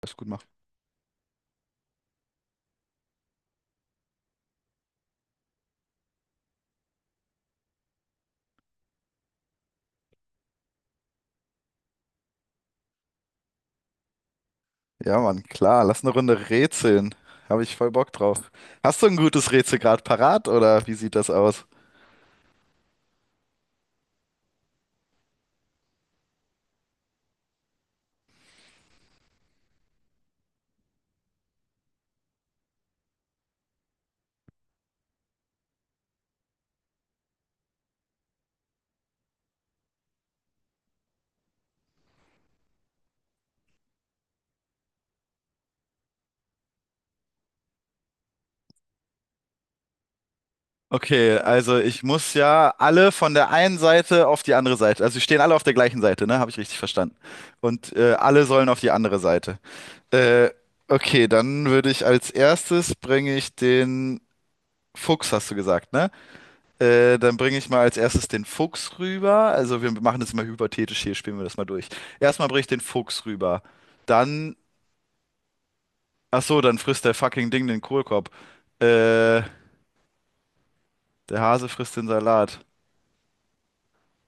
Das gut machen. Ja, Mann, klar, lass eine Runde rätseln. Habe ich voll Bock drauf. Hast du ein gutes Rätsel gerade parat oder wie sieht das aus? Okay, also ich muss ja alle von der einen Seite auf die andere Seite. Also sie stehen alle auf der gleichen Seite, ne? Habe ich richtig verstanden. Und alle sollen auf die andere Seite. Äh, okay, dann würde ich als erstes bringe ich den Fuchs, hast du gesagt, ne? Dann bringe ich mal als erstes den Fuchs rüber. Also wir machen das mal hypothetisch hier, spielen wir das mal durch. Erstmal bringe ich den Fuchs rüber. Dann, ach so, dann frisst der fucking Ding den Kohlkorb. Äh, Der Hase frisst den Salat.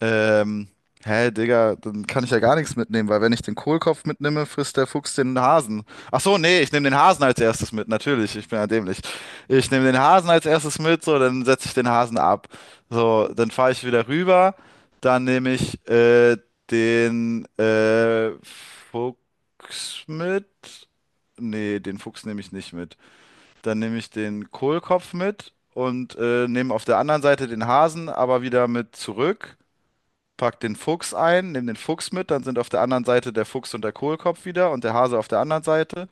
Ähm, Hä, Digga, dann kann ich ja gar nichts mitnehmen, weil wenn ich den Kohlkopf mitnehme, frisst der Fuchs den Hasen. Ach so, nee, ich nehme den Hasen als erstes mit, natürlich, ich bin ja dämlich. Ich nehme den Hasen als erstes mit, so, dann setze ich den Hasen ab. So, dann fahre ich wieder rüber, dann nehme ich den Fuchs mit. Nee, den Fuchs nehme ich nicht mit. Dann nehme ich den Kohlkopf mit und nehme auf der anderen Seite den Hasen, aber wieder mit zurück, pack den Fuchs ein, nimm den Fuchs mit, dann sind auf der anderen Seite der Fuchs und der Kohlkopf wieder und der Hase auf der anderen Seite.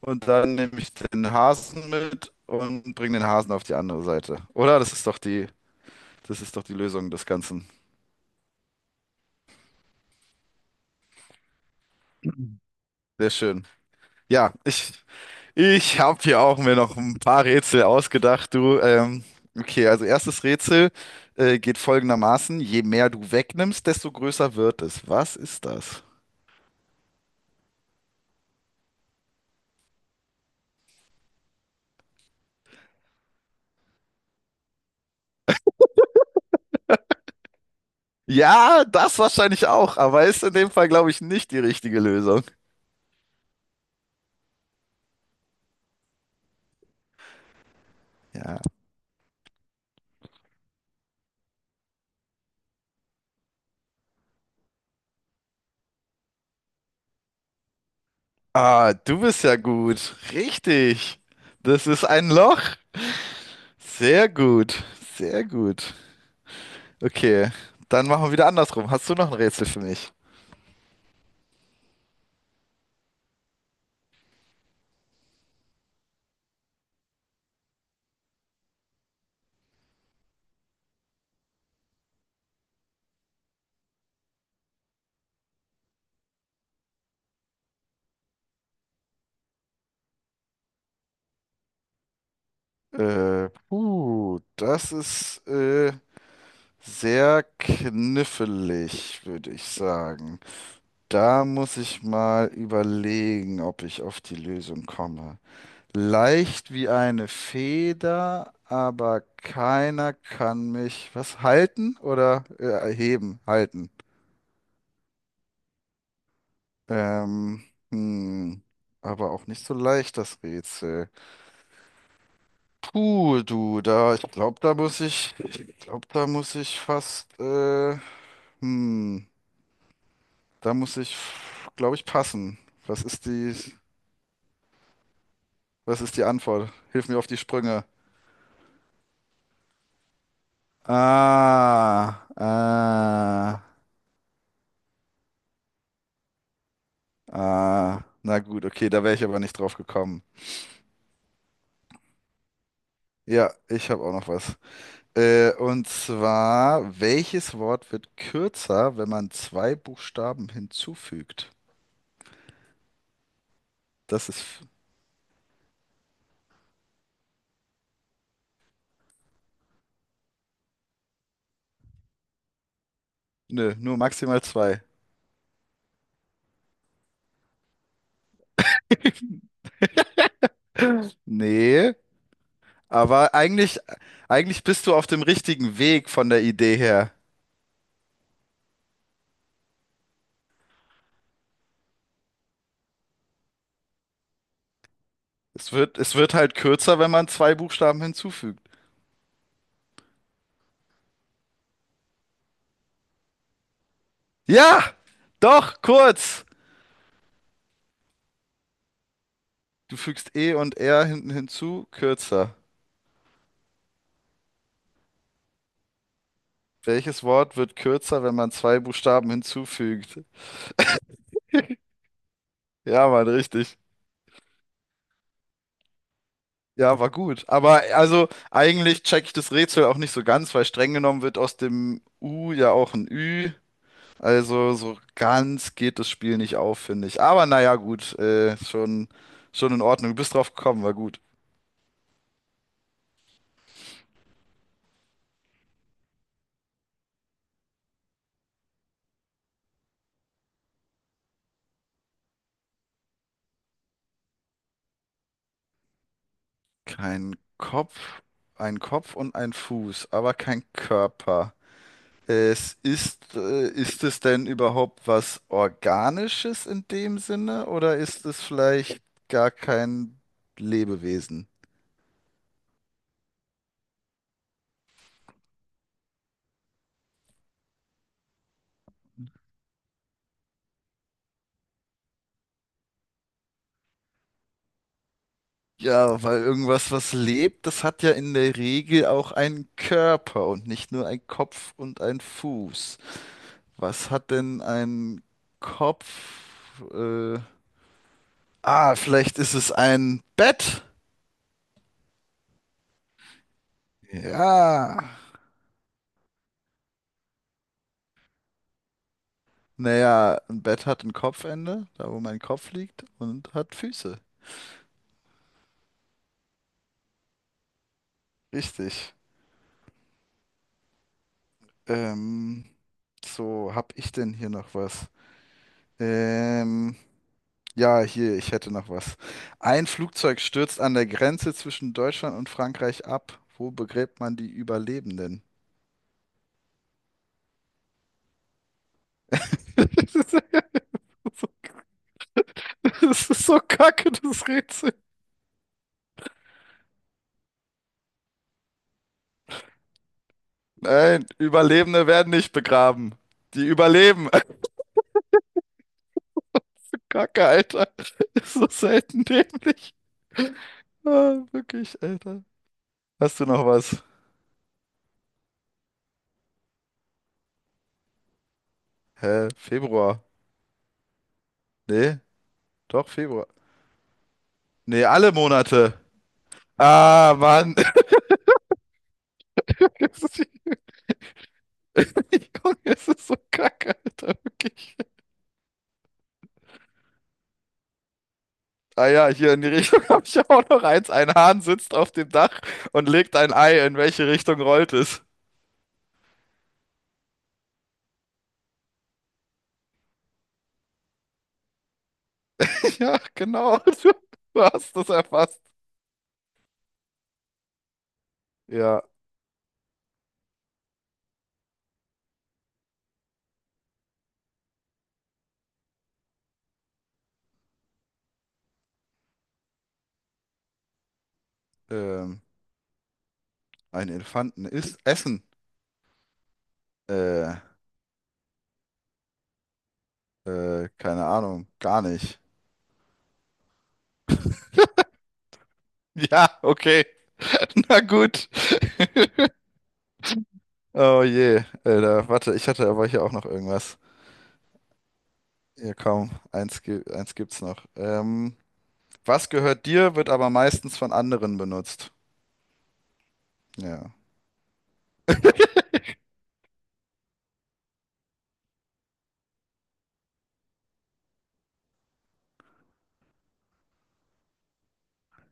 Und dann nehme ich den Hasen mit und bringe den Hasen auf die andere Seite. Oder? Das ist doch die Lösung des Ganzen. Sehr schön. Ja, ich, ich habe hier auch mir noch ein paar Rätsel ausgedacht, du. Okay, also erstes Rätsel geht folgendermaßen: Je mehr du wegnimmst, desto größer wird es. Was ist das? Ja, das wahrscheinlich auch, aber ist in dem Fall, glaube ich, nicht die richtige Lösung. Ja. Ah, du bist ja gut. Richtig. Das ist ein Loch. Sehr gut. Sehr gut. Okay, dann machen wir wieder andersrum. Hast du noch ein Rätsel für mich? Puh, das ist sehr knifflig, würde ich sagen. Da muss ich mal überlegen, ob ich auf die Lösung komme. Leicht wie eine Feder, aber keiner kann mich was halten oder erheben, halten. Ähm, hm, aber auch nicht so leicht das Rätsel. Puh, du, da, ich glaube, da muss ich fast, hm, da muss ich, glaube ich, passen. Was ist die, was ist die Antwort? Hilf mir auf die Sprünge. Ah, ah. Ah, na gut, okay, da wäre ich aber nicht drauf gekommen. Ja, ich habe auch noch was. Und zwar, welches Wort wird kürzer, wenn man zwei Buchstaben hinzufügt? Das ist, f- nö, nur maximal zwei. Nee, aber eigentlich, eigentlich bist du auf dem richtigen Weg von der Idee her. Es wird halt kürzer, wenn man zwei Buchstaben hinzufügt. Ja, doch, kurz. Du fügst E und R hinten hinzu, kürzer. Welches Wort wird kürzer, wenn man zwei Buchstaben hinzufügt? Ja, Mann, richtig. Ja, war gut. Aber also eigentlich check ich das Rätsel auch nicht so ganz, weil streng genommen wird aus dem U ja auch ein Ü. Also so ganz geht das Spiel nicht auf, finde ich. Aber naja, gut, schon in Ordnung. Du bist drauf gekommen, war gut. Kein Kopf, ein Kopf und ein Fuß, aber kein Körper. Es ist, ist es denn überhaupt was Organisches in dem Sinne oder ist es vielleicht gar kein Lebewesen? Ja, weil irgendwas, was lebt, das hat ja in der Regel auch einen Körper und nicht nur einen Kopf und einen Fuß. Was hat denn ein Kopf? Äh, ah, vielleicht ist es ein Bett. Ja. Naja, ein Bett hat ein Kopfende, da wo mein Kopf liegt, und hat Füße. Richtig. Ähm, so, hab ich denn hier noch was? Ähm, ja, hier, ich hätte noch was. Ein Flugzeug stürzt an der Grenze zwischen Deutschland und Frankreich ab. Wo begräbt man die Überlebenden? Das ist so kacke, das Rätsel. Nein, Überlebende werden nicht begraben. Die überleben. Kacke, Alter. Ist so selten dämlich. Ah, wirklich, Alter. Hast du noch was? Hä? Februar? Nee, doch, Februar. Nee, alle Monate. Ah, Mann. Das ist- ich gucke, es ist so kacke, Alter, wirklich. Ah ja, hier in die Richtung habe ich auch noch eins. Ein Hahn sitzt auf dem Dach und legt ein Ei. In welche Richtung rollt es? Ja, genau. Du hast das erfasst. Ja, ähm, ein Elefanten isst Essen. Äh, keine Ahnung, gar nicht. Ja, okay. Na gut. Oh je, Alter, warte, ich hatte aber hier auch noch irgendwas. Ja, kaum. Eins gibt's noch. Was gehört dir, wird aber meistens von anderen benutzt. Ja.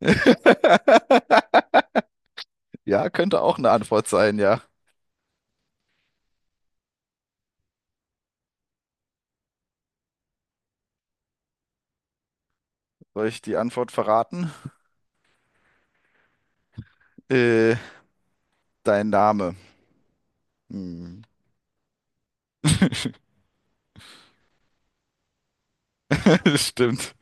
Ja, könnte auch eine Antwort sein, ja. Soll ich die Antwort verraten? Äh, Dein Name. Hm. Stimmt.